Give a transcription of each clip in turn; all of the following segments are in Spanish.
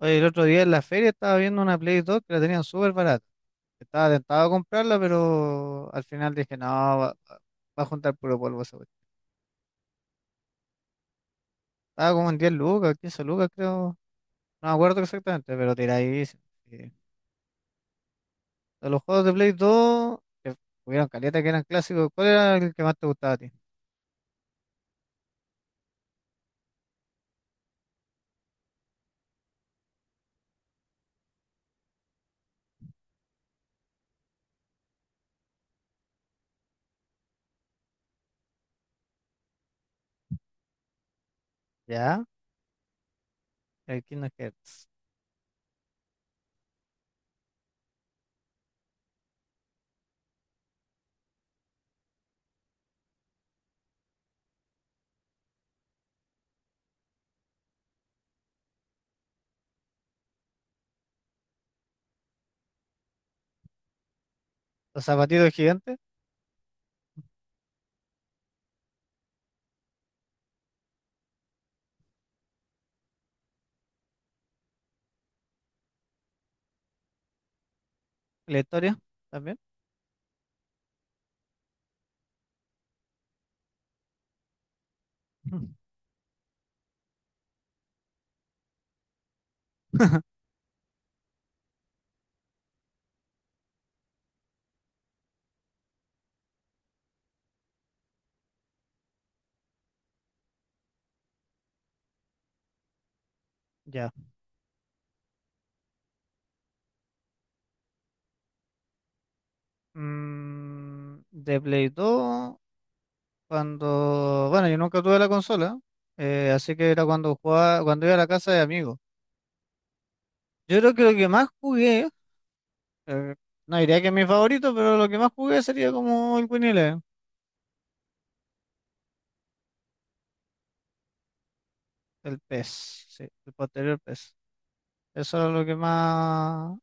Oye, el otro día en la feria estaba viendo una Play 2 que la tenían súper barata. Estaba tentado a comprarla, pero al final dije, no, va a juntar puro polvo esa cuestión. Estaba como en 10 lucas, 15 lucas creo. No me acuerdo exactamente, pero tiradísimo. Sí. De los juegos de Play 2, que hubieron caleta que eran clásicos, ¿cuál era el que más te gustaba a ti? Ya, el Kingdom Hearts. Los zapatitos gigantes, la historia también. Ya. De Play 2. Cuando, bueno, yo nunca tuve la consola, así que era cuando jugaba, cuando iba a la casa de amigos. Yo creo que lo que más jugué, eh, no diría que es mi favorito, pero lo que más jugué sería como el Winnie Eleven, el PES, sí, el posterior PES. Eso era lo que más,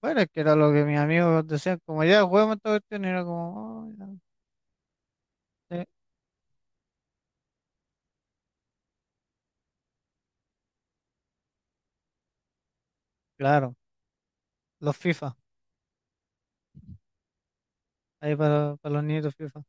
bueno, es que era lo que mis amigos decían, como ya juguemos esta cuestión, y era como, "Oh, ya". Sí, claro, los FIFA, ahí para los nietos FIFA.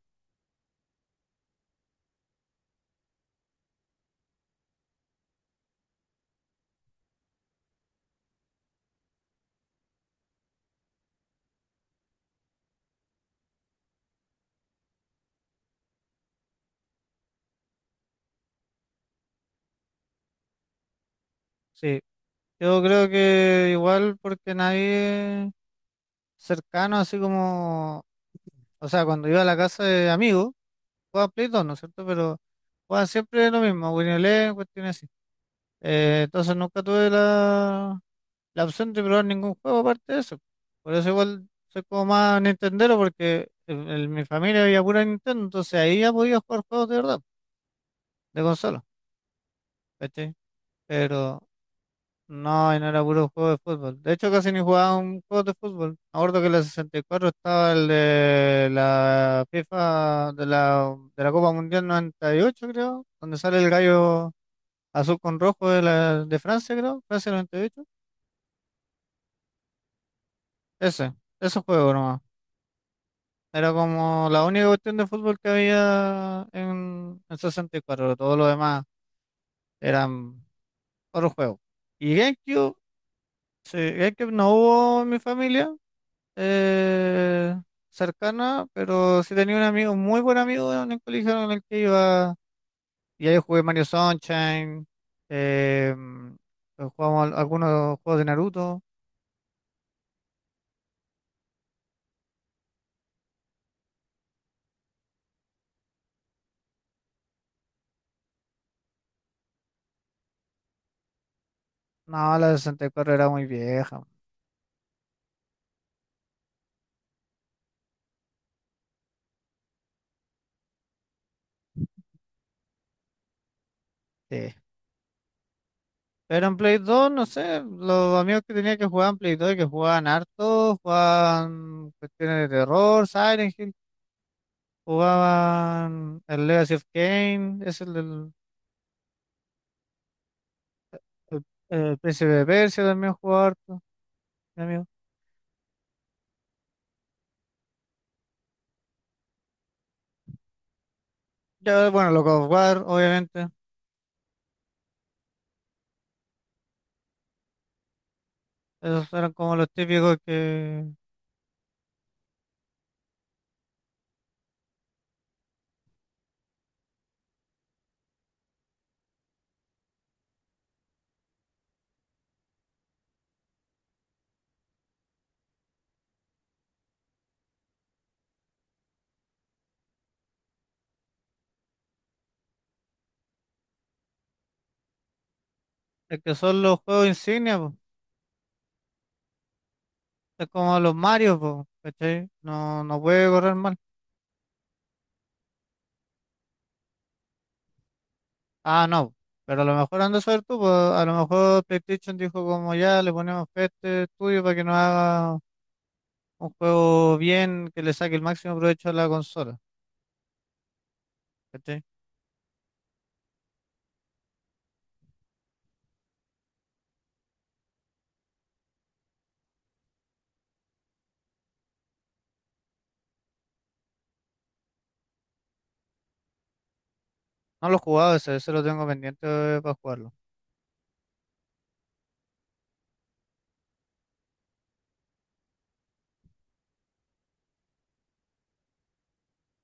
Sí, yo creo que igual porque nadie cercano, así como. O sea, cuando iba a la casa de amigos, jugaba Play 2, ¿no es cierto? Pero jugaban siempre lo mismo, Winnie Eleven, cuestiones así. Entonces nunca tuve la, opción de probar ningún juego aparte de eso. Por eso igual soy como más Nintendero, porque en mi familia había pura Nintendo, entonces ahí ya podía jugar juegos de verdad, de consola, ¿cachai? Pero no, y no era puro juego de fútbol. De hecho, casi ni jugaba un juego de fútbol. Me acuerdo que en la 64 estaba el de la FIFA de la Copa Mundial 98, creo, donde sale el gallo azul con rojo de Francia, creo, Francia 98. Ese, ese juego nomás. Era como la única cuestión de fútbol que había en 64. Todo lo demás eran otros juegos. Y GameCube, sí, GameCube no hubo en mi familia. eh, cercana, pero sí tenía un amigo, muy buen amigo en el colegio en el que iba. Y ahí jugué Mario Sunshine, eh, jugamos algunos juegos de Naruto. No, la 64 era muy vieja. Sí. Pero en Play 2, no sé, los amigos que tenía que jugaban Play 2 y que jugaban harto, jugaban cuestiones de terror, Silent Hill, jugaban el Legacy of Kain. Es el del el- el Príncipe de Persia también jugaba harto, mi amigo. Ya bueno, los God of War, obviamente. Esos eran como los típicos es que son los juegos insignia, po. Es como los Mario, po, ¿cachai? No, no puede correr mal. Ah, no. Pero a lo mejor andas a ver tú, po. A lo mejor PlayStation dijo como ya, le ponemos fe a este estudio para que nos haga un juego bien, que le saque el máximo provecho a la consola, ¿cachai? No lo he jugado ese, ese lo tengo pendiente para jugarlo.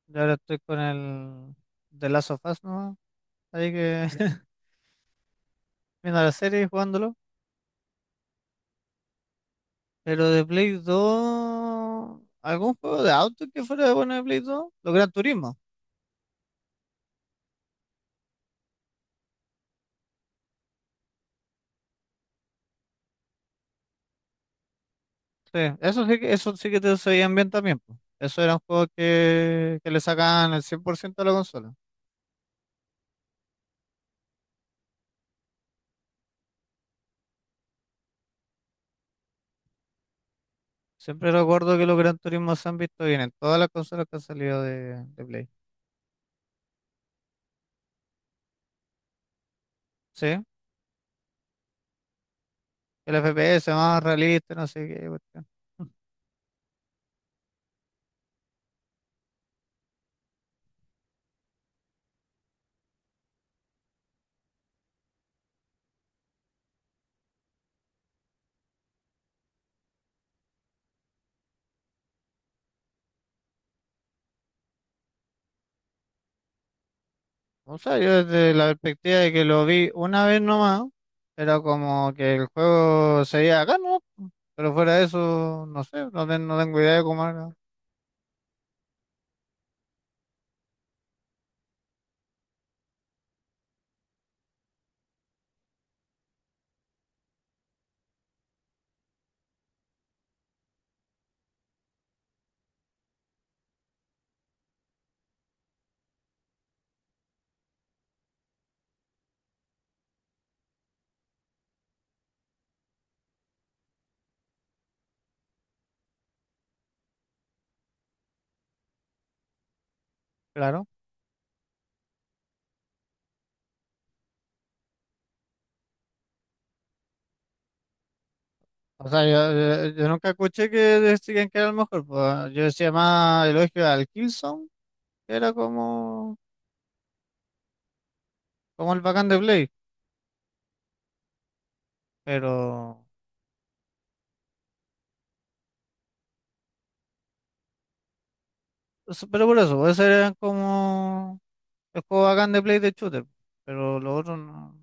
Yo ahora estoy con el The Last of Us, ¿no? Ahí que viendo la serie y jugándolo. Pero de Play 2, ¿algún juego de auto que fuera bueno de Play 2? Los Gran Turismo. Sí, eso sí que te sabían bien también, po. Eso eran juegos que le sacaban el 100% a la consola. Siempre recuerdo que los Gran Turismo se han visto bien en todas las consolas que han salido de, Play. Sí, el FPS más realista, no sé qué cuestión. O sea, yo desde la perspectiva de que lo vi una vez nomás, era como que el juego seguía acá, ¿no? Pero fuera de eso, no sé, no, no tengo idea de cómo era. Claro. O sea, yo nunca escuché que decían que era el mejor. Pues, yo decía más elogio al Killzone, que era como el bacán de Play. Pero, pero por eso, pues, ese era como el juego bacán de Play de shooter. Pero lo otro no.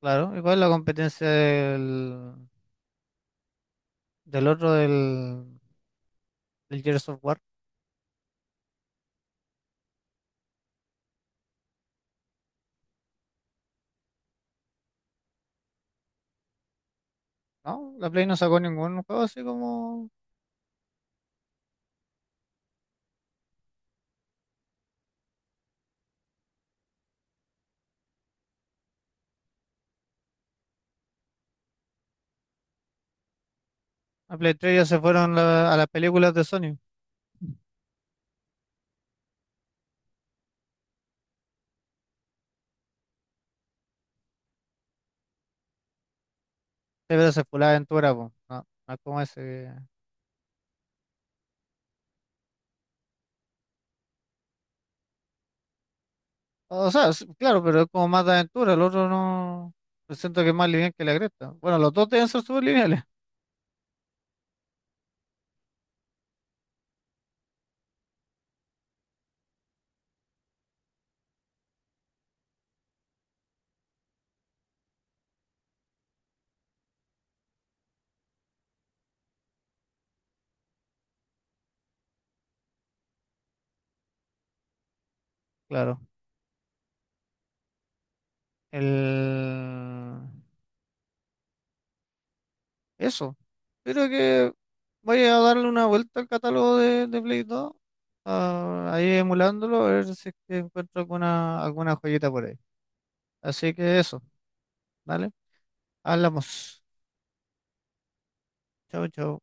Claro, igual la competencia del otro del. El Gears of War. No, la Play no sacó ningún juego así como. La Play 3 ya se fueron a las películas de Sony. Sí, pero se fue la aventura, po. No, no es como ese, o sea, sí, claro, pero es como más de aventura. El otro no. Yo siento que es más lineal que la cresta. Bueno, los dos deben ser súper lineales, claro. El. Eso. Creo que voy a darle una vuelta al catálogo de, Play 2, ahí emulándolo, a ver si es que encuentro alguna joyita por ahí. Así que eso, ¿vale? Hablamos. Chao, chao.